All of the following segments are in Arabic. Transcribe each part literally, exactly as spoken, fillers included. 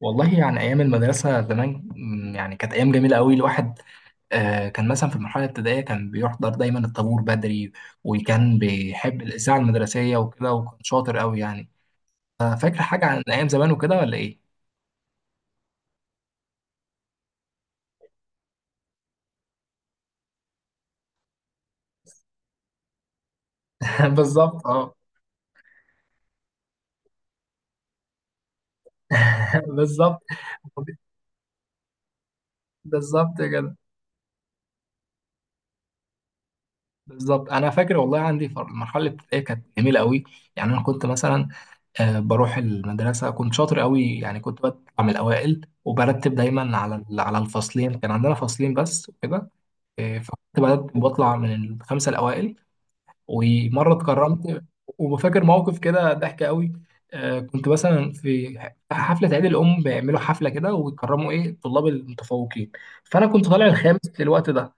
والله يعني أيام المدرسة زمان م، يعني كانت أيام جميلة أوي الواحد. آه، كان مثلا في المرحلة الابتدائية كان بيحضر دايما الطابور بدري، وكان بيحب الإذاعة المدرسية وكده وكان شاطر أوي يعني. آه، فاكر حاجة عن أيام زمان وكده ولا إيه؟ بالظبط أه. بالظبط. بالظبط كده. بالظبط أنا فاكر والله عندي فر- المرحلة الابتدائية كانت جميلة أوي. يعني أنا كنت مثلا آه، بروح المدرسة كنت شاطر قوي، يعني كنت بطلع من الأوائل وبرتب دايما على ال- على الفصلين، كان عندنا فصلين بس وكده. آه، فكنت برتب بطلع من الخمسة الأوائل. ومرة اتكرمت. وفاكر موقف كده ضحك قوي. آه، كنت مثلا في حفلة عيد الأم، بيعملوا حفلة كده ويكرموا إيه الطلاب المتفوقين، فأنا كنت طالع الخامس في الوقت ده.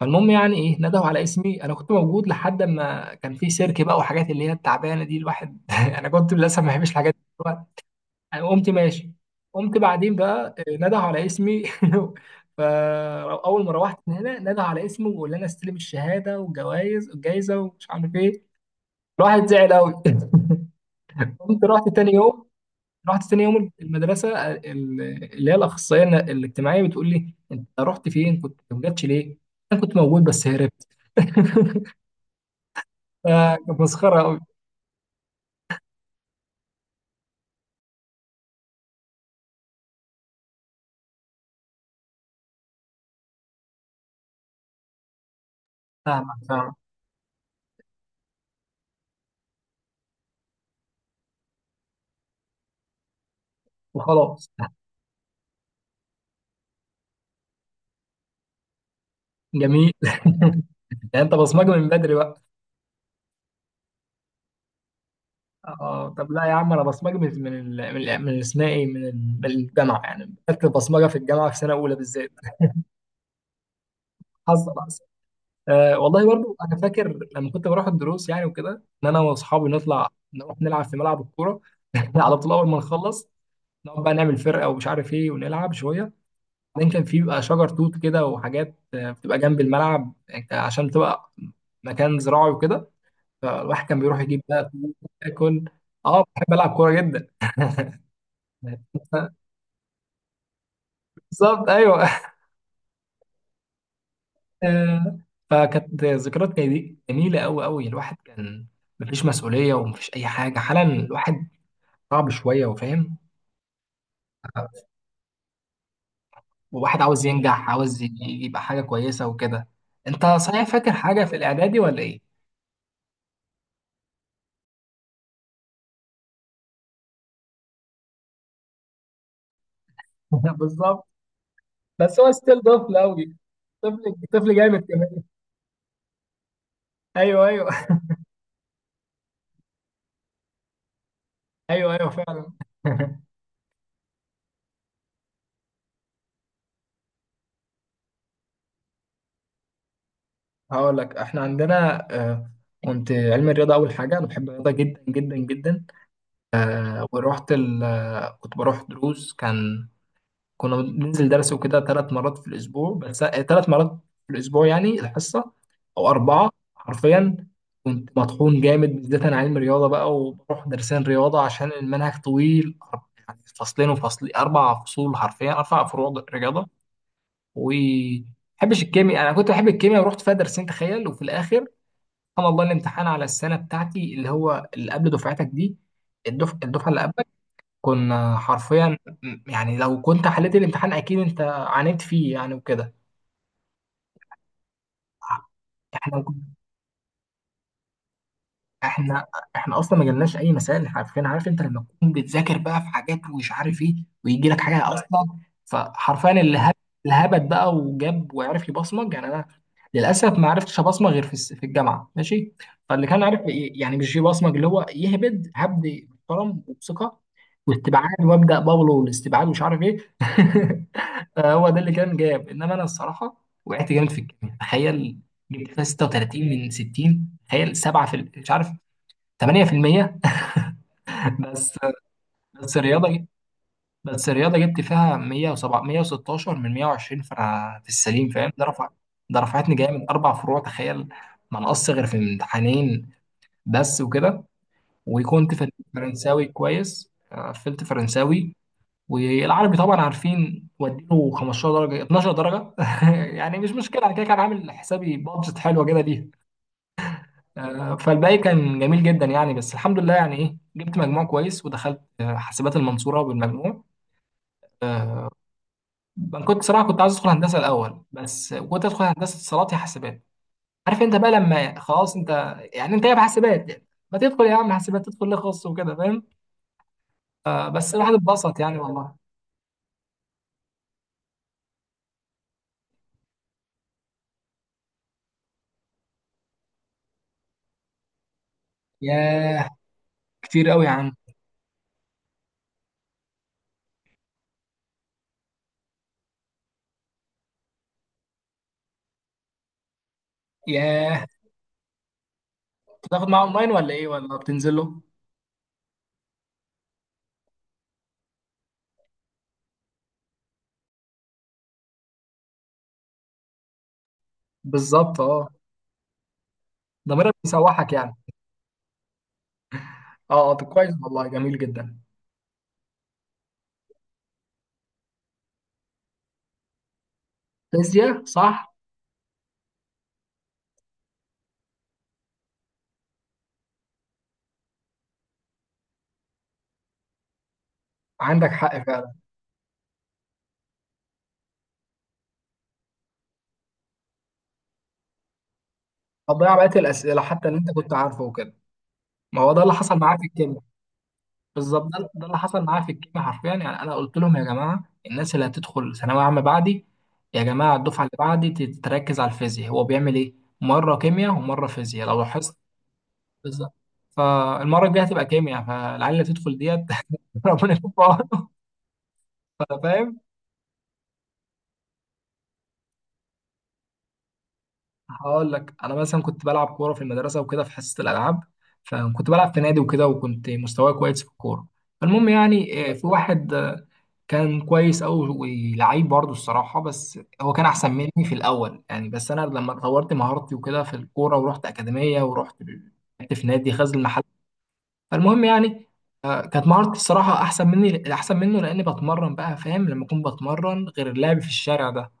فالمهم يعني ايه ندهوا على اسمي، انا كنت موجود لحد ما كان في سيرك بقى وحاجات اللي هي التعبانه دي الواحد، انا كنت للاسف ما بحبش الحاجات دي. أنا قمت ماشي. قمت بعدين بقى آه، نده على اسمي. فأول ما روحت من هنا نده على اسمي، وقال لي أنا استلم الشهادة والجوائز والجايزة ومش عارف إيه. الواحد زعل أوي. قمت رحت تاني يوم. رحت تاني يوم المدرسة، آه، ال- اللي هي الأخصائية الن- الاجتماعية بتقول لي أنت رحت فين، كنت ما جاتش ليه؟ أنا كنت موجود بس هربت. فكانت مسخرة أوي. فاهمك فاهمك. وخلاص. جميل. يعني أنت بصمجة من بدري بقى. اه طب لا يا عم، انا بصمجي من من ال- من ال- من اسمها ايه من ال- من الجامعه، يعني خدت البصمجه في الجامعه في سنه اولى بالذات. حظ بس. آه والله برضو انا فاكر لما كنت بروح الدروس يعني وكده، ان انا واصحابي نطلع نروح نلعب في ملعب الكوره. على طول اول ما نخلص نقعد بقى نعمل فرقه ومش عارف ايه ونلعب شويه. بعدين كان في بقى شجر توت كده وحاجات آه، بتبقى جنب الملعب، يعني عشان تبقى مكان زراعي وكده. فالواحد كان بيروح يجيب بقى توت، ياكل. اه بحب العب كوره جدا. بالظبط ايوه. آه، فكانت ذكريات جي- جميله قوي قوي. الواحد كان مفيش مسؤوليه ومفيش اي حاجه، حالا الواحد صعب شويه وفاهم، وواحد عاوز ينجح عاوز ي- يبقى حاجه كويسه وكده. انت صحيح فاكر حاجه في الاعدادي ولا ايه؟ بالظبط. بس هو ستيل طفل قوي. طفل طفل جامد كمان. ايوه ايوه. ايوه ايوه فعلا. هقول لك احنا عندنا آه، كنت علم الرياضه اول حاجه. انا بحب الرياضه جدا جدا جدا. آه، ورحت ال... آه، كنت بروح دروس، كان كنا بننزل درس وكده ثلاث مرات في الاسبوع، بس ثلاث مرات في الاسبوع يعني الحصه او اربعه حرفيا. كنت مطحون جامد بالذات انا علم رياضه بقى، وبروح درسين رياضه عشان المنهج طويل، يعني فصلين وفصل اربع فصول حرفيا اربع فروع رياضه، و بحبش الكيمياء. انا كنت بحب الكيمياء ورحت فيها درسين تخيل، وفي الاخر سبحان الله الامتحان على السنه بتاعتي اللي هو اللي قبل دفعتك دي، الدف... الدفعه اللي قبل. كنا حرفيا يعني لو كنت حليت الامتحان اكيد انت عانيت فيه يعني وكده. احنا احنا احنا اصلا ما جالناش اي مسائل حرفيا. عارف انت لما تكون بتذاكر بقى في حاجات ومش عارف ايه ويجي لك حاجه اصلا. فحرفيا اللي هب اللي هبت بقى وجاب وعرف يبصمج، يعني انا للاسف ما عرفتش ابصمج غير في الس- في الجامعه ماشي. فاللي كان عارف ي- يعني مش يبصمج، اللي هو يهبد هبد محترم وبثقه واستبعاد وابدا بابلو والاستبعاد ومش عارف ايه. هو ده اللي كان جاب. انما انا الصراحه وقعت جامد في الكيمياء تخيل. جبت فيها ستة وثلاثين من ستين تخيل سبعة في ال- مش عارف تمانية في المية. بس. بس الرياضه جبت بس الرياضه جبت فيها مية وسبعة مية وستاشر من مية وعشرين، فانا في السليم فاهم، ده رفع، ده رفعتني جامد اربع فروع تخيل. ما نقص غير في امتحانين بس وكده. وكنت في فرنساوي كويس، قفلت فرنساوي. والعربي طبعا عارفين وديله خمستاشر درجة درجه اتناشر درجة درجه. يعني مش مشكله، انا كده كان عامل حسابي بادجت حلوه كده ليه. آه، فالباقي كان جميل جدا يعني، بس الحمد لله يعني ايه جبت مجموع كويس ودخلت آه، حاسبات المنصوره بالمجموع. آه، انا كنت صراحه كنت عايز ادخل هندسه الاول، بس كنت ادخل هندسه اتصالات يا حاسبات. عارف انت بقى لما خلاص انت يعني انت جايب حاسبات، يعني ما تدخل يا عم حاسبات، تدخل ليه خاص وكده فاهم. آه، بس الواحد اتبسط يعني والله. ياه. كتير قوي يا عم. ياه. بتاخد معاه اونلاين ولا ايه ولا بتنزل له؟ بالظبط اه. ده مرة بيسوحك يعني. اه اه. طب كويس والله جميل جدا. فيزياء صح. عندك حق فعلا. هتضيع بقية الأسئلة حتى اللي أنت كنت عارفه وكده. ما هو ده اللي حصل معايا في الكيمياء. بالظبط ده, ده اللي حصل معايا في الكيمياء حرفيا. يعني أنا قلت لهم يا جماعة الناس اللي هتدخل ثانوية عامة بعدي، يا جماعة الدفعة اللي بعدي تتركز على الفيزياء. هو بيعمل إيه؟ مرة كيمياء ومرة فيزياء لو لاحظت. بالظبط. فالمرة الجاية هتبقى كيمياء فالعيال اللي تدخل ديت. ربنا يكون في عونهم. فاهم. هقول لك انا مثلا كنت بلعب كوره في المدرسه وكده في حصه الالعاب. فكنت بلعب في نادي وكده وكنت مستواي كويس في الكوره. فالمهم يعني آه، في واحد آه، كان كويس قوي ولعيب برضه الصراحه، بس هو كان احسن مني في الاول يعني. بس انا لما طورت مهارتي وكده في الكوره ورحت اكاديميه ورحت ب- لعبت في نادي غزل المحل. فالمهم يعني آه، كانت مهارتي الصراحه احسن مني احسن منه لاني بتمرن بقى، فاهم لما اكون بتمرن غير اللعب في الشارع ده.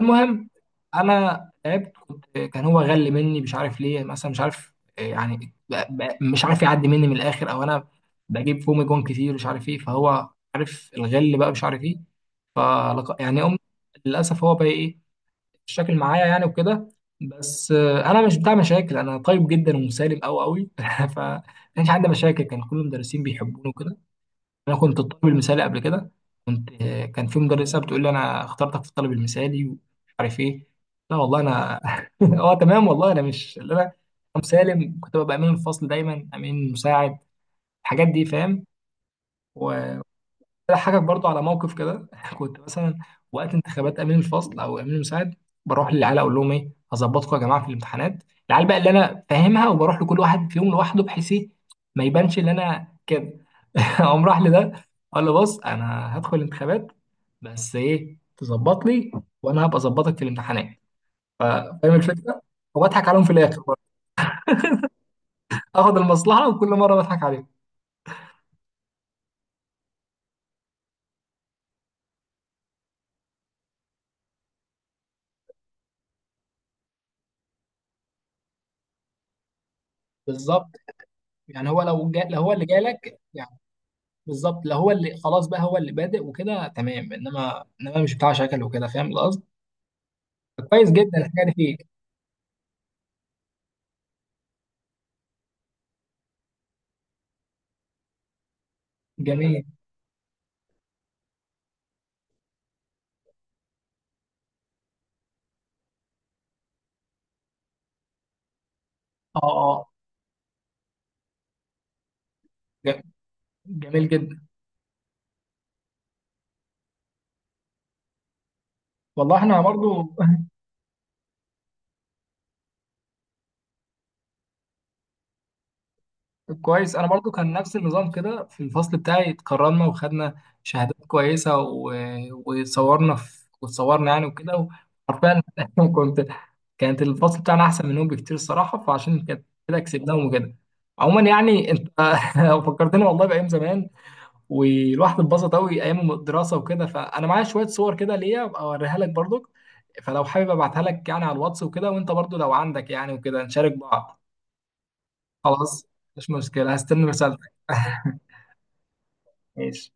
المهم، انا تعبت، كنت كان هو غل مني مش عارف ليه مثلا، مش عارف يعني ب- ب- مش عارف يعدي مني من الاخر او انا بجيب فومي جون كتير مش عارف ايه. فهو عارف الغل بقى مش عارف ايه. فلق... يعني أم... للاسف هو بقى ايه الشكل معايا يعني وكده. بس آه، انا مش بتاع مشاكل، انا طيب جدا ومسالم قوي قوي. فما كانش عندي مشاكل، كان كل المدرسين بيحبوني وكده. انا كنت الطالب المثالي قبل كده. كنت كان في مدرسه بتقول لي انا اخترتك في الطالب المثالي ومش عارف ايه. لا والله انا. اه تمام والله انا مش اللي انا. أنا مسالم، كنت ببقى امين الفصل دايما، امين مساعد، الحاجات دي فاهم. هضحكك برضو على موقف كده. كنت مثلا وقت انتخابات امين الفصل او امين المساعد بروح للعيال اقول لهم ايه، هظبطكم يا جماعه في الامتحانات. العيال بقى اللي انا فاهمها، وبروح لكل واحد فيهم لوحده بحيث ايه ما يبانش ان انا كده. اقوم راح لده اقول له بص انا هدخل الانتخابات، بس ايه تظبط لي وانا هبقى اظبطك في الامتحانات. ف- فاهم الفكره. وبضحك عليهم في الاخر برضه. اخد المصلحه وكل مره بضحك عليهم. بالظبط. يعني هو لو جا... لو هو اللي جالك. بالظبط. لو هو اللي خلاص بقى هو اللي بادئ وكده تمام، انما انما مش بتاع شكل وكده فاهم القصد. كويس جدا الحاجه دي فيك. جميل اه اه ج- جميل جدا. والله احنا برضو. كويس انا برضو كان نفس النظام كده في الفصل بتاعي، اتكرمنا وخدنا شهادات كويسه و... وصورنا في... وتصورنا يعني وكده. وحرفيا كنت، كانت الفصل بتاعنا احسن منهم بكتير الصراحه، فعشان كده كده كسبناهم وكده. عموما يعني انت فكرتني والله بايام زمان، والواحد اتبسط قوي ايام الدراسه وكده. فانا معايا شويه صور كده ليا ابقى اوريها لك برضك. فلو حابب ابعتها لك يعني على الواتس وكده، وانت برضو لو عندك يعني وكده نشارك بعض. خلاص مش مشكله، هستنى رسالتك. ماشي.